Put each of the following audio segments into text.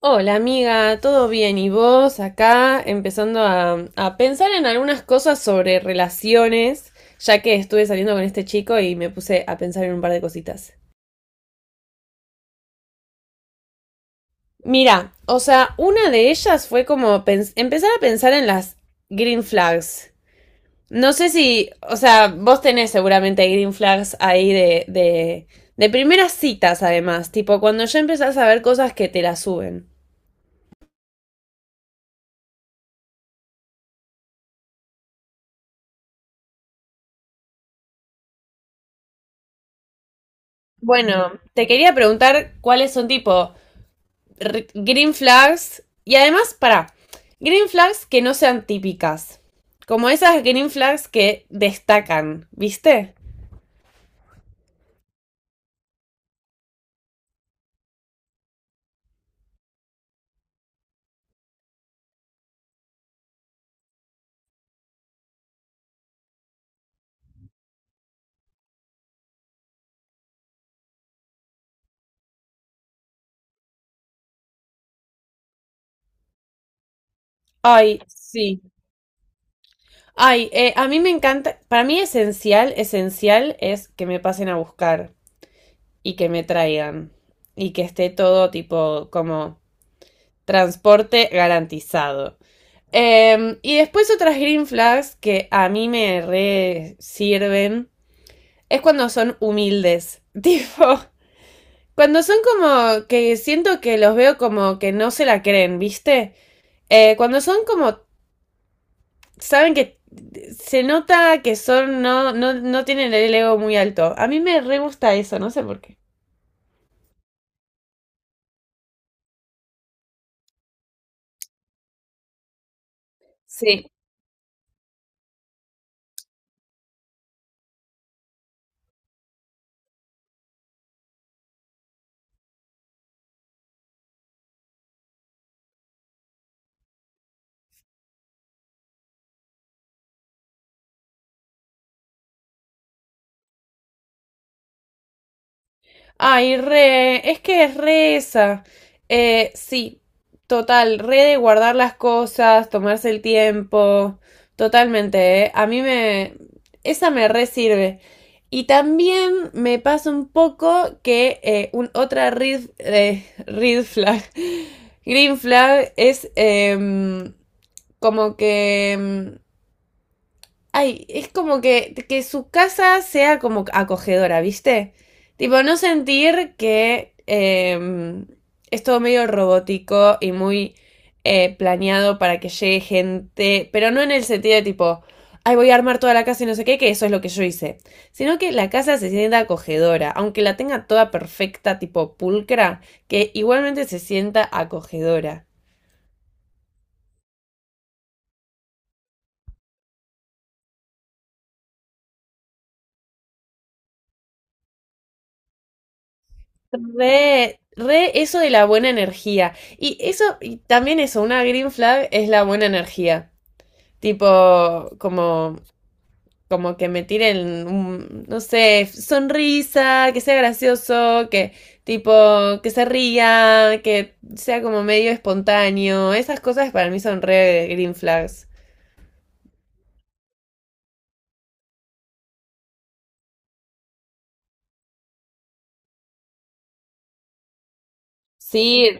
Hola amiga, ¿todo bien? ¿Y vos acá empezando a pensar en algunas cosas sobre relaciones, ya que estuve saliendo con este chico y me puse a pensar en un par de cositas? Mira, o sea, una de ellas fue como empezar a pensar en las green flags. No sé si, o sea, vos tenés seguramente green flags ahí de primeras citas además, tipo cuando ya empezás a ver cosas que te la suben. Bueno, te quería preguntar cuáles son tipo green flags. Y además, para, green flags que no sean típicas. Como esas green flags que destacan, ¿viste? Ay, sí. Ay, a mí me encanta. Para mí esencial, esencial es que me pasen a buscar y que me traigan. Y que esté todo tipo como transporte garantizado. Y después otras green flags que a mí me re sirven es cuando son humildes. Tipo, cuando son como que siento que los veo como que no se la creen, ¿viste? Cuando son como, saben que se nota que son, no, no, no tienen el ego muy alto. A mí me re gusta eso, no sé por qué. Sí, ay, re, es que es re esa. Sí, total, re de guardar las cosas, tomarse el tiempo, totalmente, ¿eh? A mí me, esa me re sirve. Y también me pasa un poco que un, red flag, green flag es como que ay, es como que su casa sea como acogedora, ¿viste? Tipo, no sentir que es todo medio robótico y muy planeado para que llegue gente, pero no en el sentido de tipo, ay, voy a armar toda la casa y no sé qué, que eso es lo que yo hice, sino que la casa se sienta acogedora, aunque la tenga toda perfecta, tipo pulcra, que igualmente se sienta acogedora. Re, re eso de la buena energía. Y eso, y también eso, una green flag es la buena energía. Tipo, como, como que me tiren un, no sé, sonrisa, que sea gracioso, que tipo, que se ría, que sea como medio espontáneo. Esas cosas para mí son re green flags. Sí,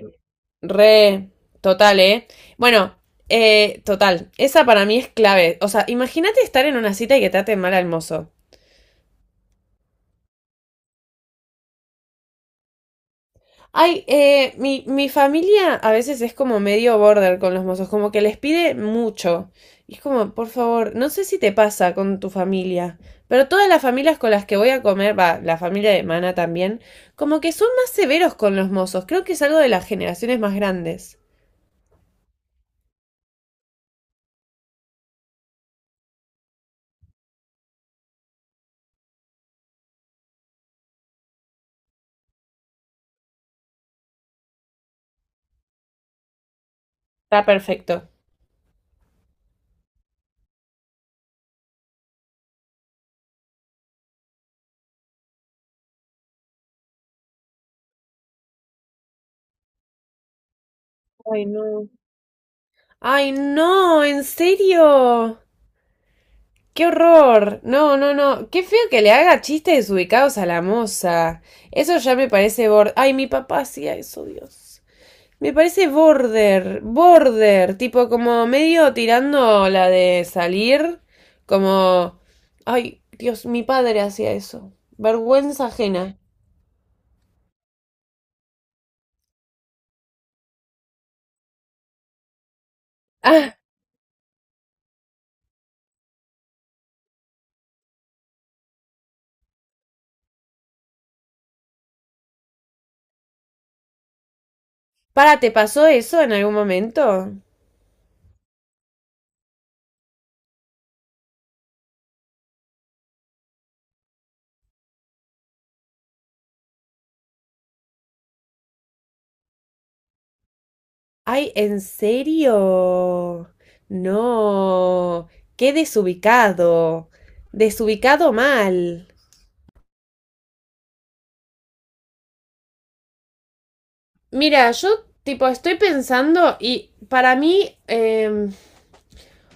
re, total, ¿eh? Bueno, total, esa para mí es clave. O sea, imagínate estar en una cita y que traten mal al mozo. Ay, mi familia a veces es como medio border con los mozos, como que les pide mucho. Y es como, por favor, no sé si te pasa con tu familia, pero todas las familias con las que voy a comer, va, la familia de Mana también, como que son más severos con los mozos. Creo que es algo de las generaciones más grandes. Está perfecto. Ay, no. Ay, no, en serio. ¡Qué horror! No, no, no. Qué feo que le haga chistes desubicados a la moza. Eso ya me parece border. Ay, mi papá hacía eso, Dios. Me parece border, border, tipo como medio tirando la de salir, como... Ay, Dios, mi padre hacía eso. Vergüenza ajena. Ah, para, ¿te pasó eso en algún momento? Ay, ¿en serio? No, qué desubicado, desubicado mal. Mira, yo tipo estoy pensando y para mí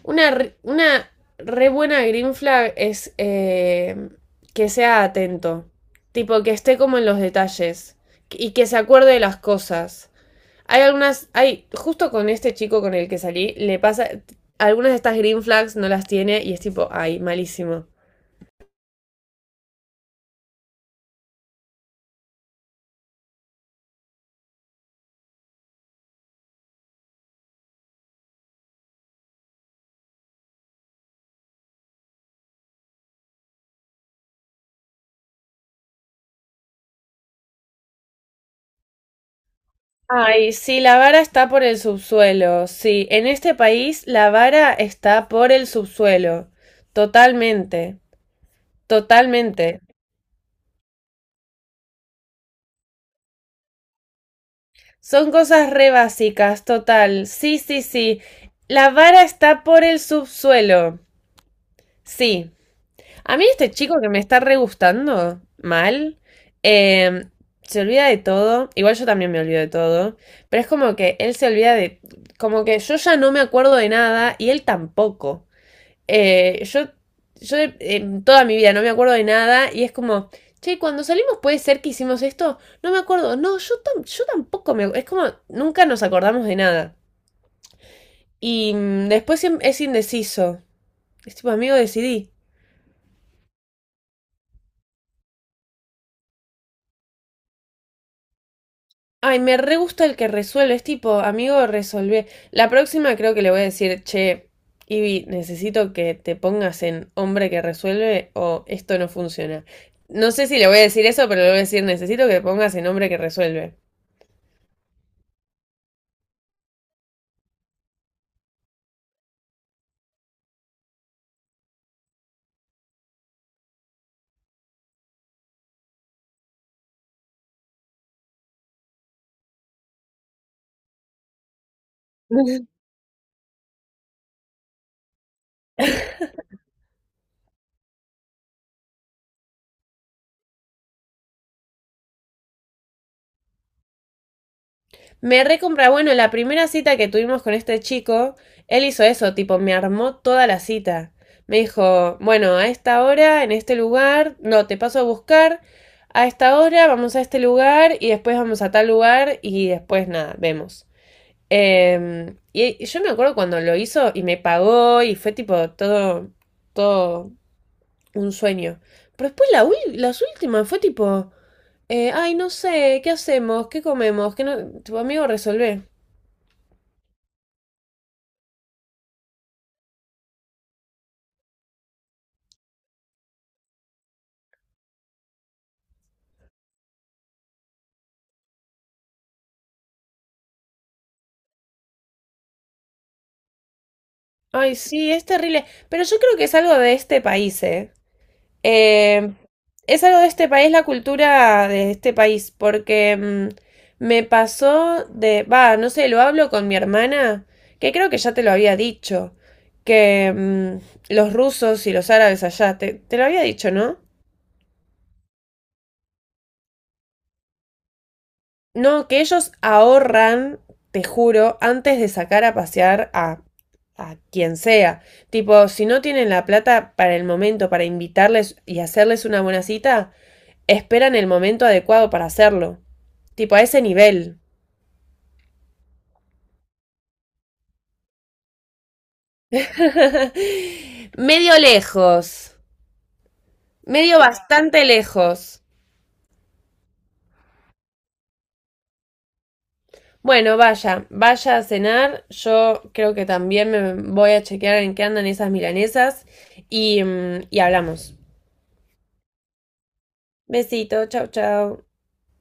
una, una re buena green flag es que sea atento, tipo que esté como en los detalles y que se acuerde de las cosas. Hay algunas, hay, justo con este chico con el que salí, le pasa, algunas de estas green flags no las tiene y es tipo, ay, malísimo. Ay, sí, la vara está por el subsuelo. Sí, en este país la vara está por el subsuelo. Totalmente, totalmente. Son cosas re básicas, total. Sí, sí, sí. La vara está por el subsuelo. Sí, a mí este chico que me está re gustando mal, eh, se olvida de todo, igual yo también me olvido de todo, pero es como que él se olvida de, como que yo ya no me acuerdo de nada y él tampoco. Yo, yo en toda mi vida no me acuerdo de nada y es como, che, cuando salimos puede ser que hicimos esto, no me acuerdo, no, yo, yo tampoco me, es como, nunca nos acordamos de nada. Y mm, después es indeciso, es tipo, amigo, decidí. Ay, me re gusta el que resuelve, es tipo, amigo, resolvé. La próxima creo que le voy a decir, che, Ivy, necesito que te pongas en hombre que resuelve o esto no funciona. No sé si le voy a decir eso, pero le voy a decir, necesito que te pongas en hombre que resuelve. Me recompra, bueno, la primera cita que tuvimos con este chico, él hizo eso, tipo, me armó toda la cita. Me dijo, bueno, a esta hora, en este lugar, no, te paso a buscar, a esta hora vamos a este lugar y después vamos a tal lugar y después nada, vemos. Em, y yo me acuerdo cuando lo hizo y me pagó y fue tipo todo, todo un sueño. Pero después la las últimas fue tipo, ay, no sé, ¿qué hacemos? ¿Qué comemos? ¿Qué no? Tu amigo resolvé. Ay, sí, es terrible. Pero yo creo que es algo de este país, ¿eh? Eh, es algo de este país, la cultura de este país, porque mm, me pasó de, va, no sé, lo hablo con mi hermana, que creo que ya te lo había dicho, que mm, los rusos y los árabes allá, te lo había dicho, ¿no? No, que ellos ahorran, te juro, antes de sacar a pasear a quien sea. Tipo, si no tienen la plata para el momento, para invitarles y hacerles una buena cita, esperan el momento adecuado para hacerlo. Tipo, a ese nivel. Medio lejos. Medio bastante lejos. Bueno, vaya, vaya a cenar. Yo creo que también me voy a chequear en qué andan esas milanesas y, mm, y hablamos. Besito, chao, chao.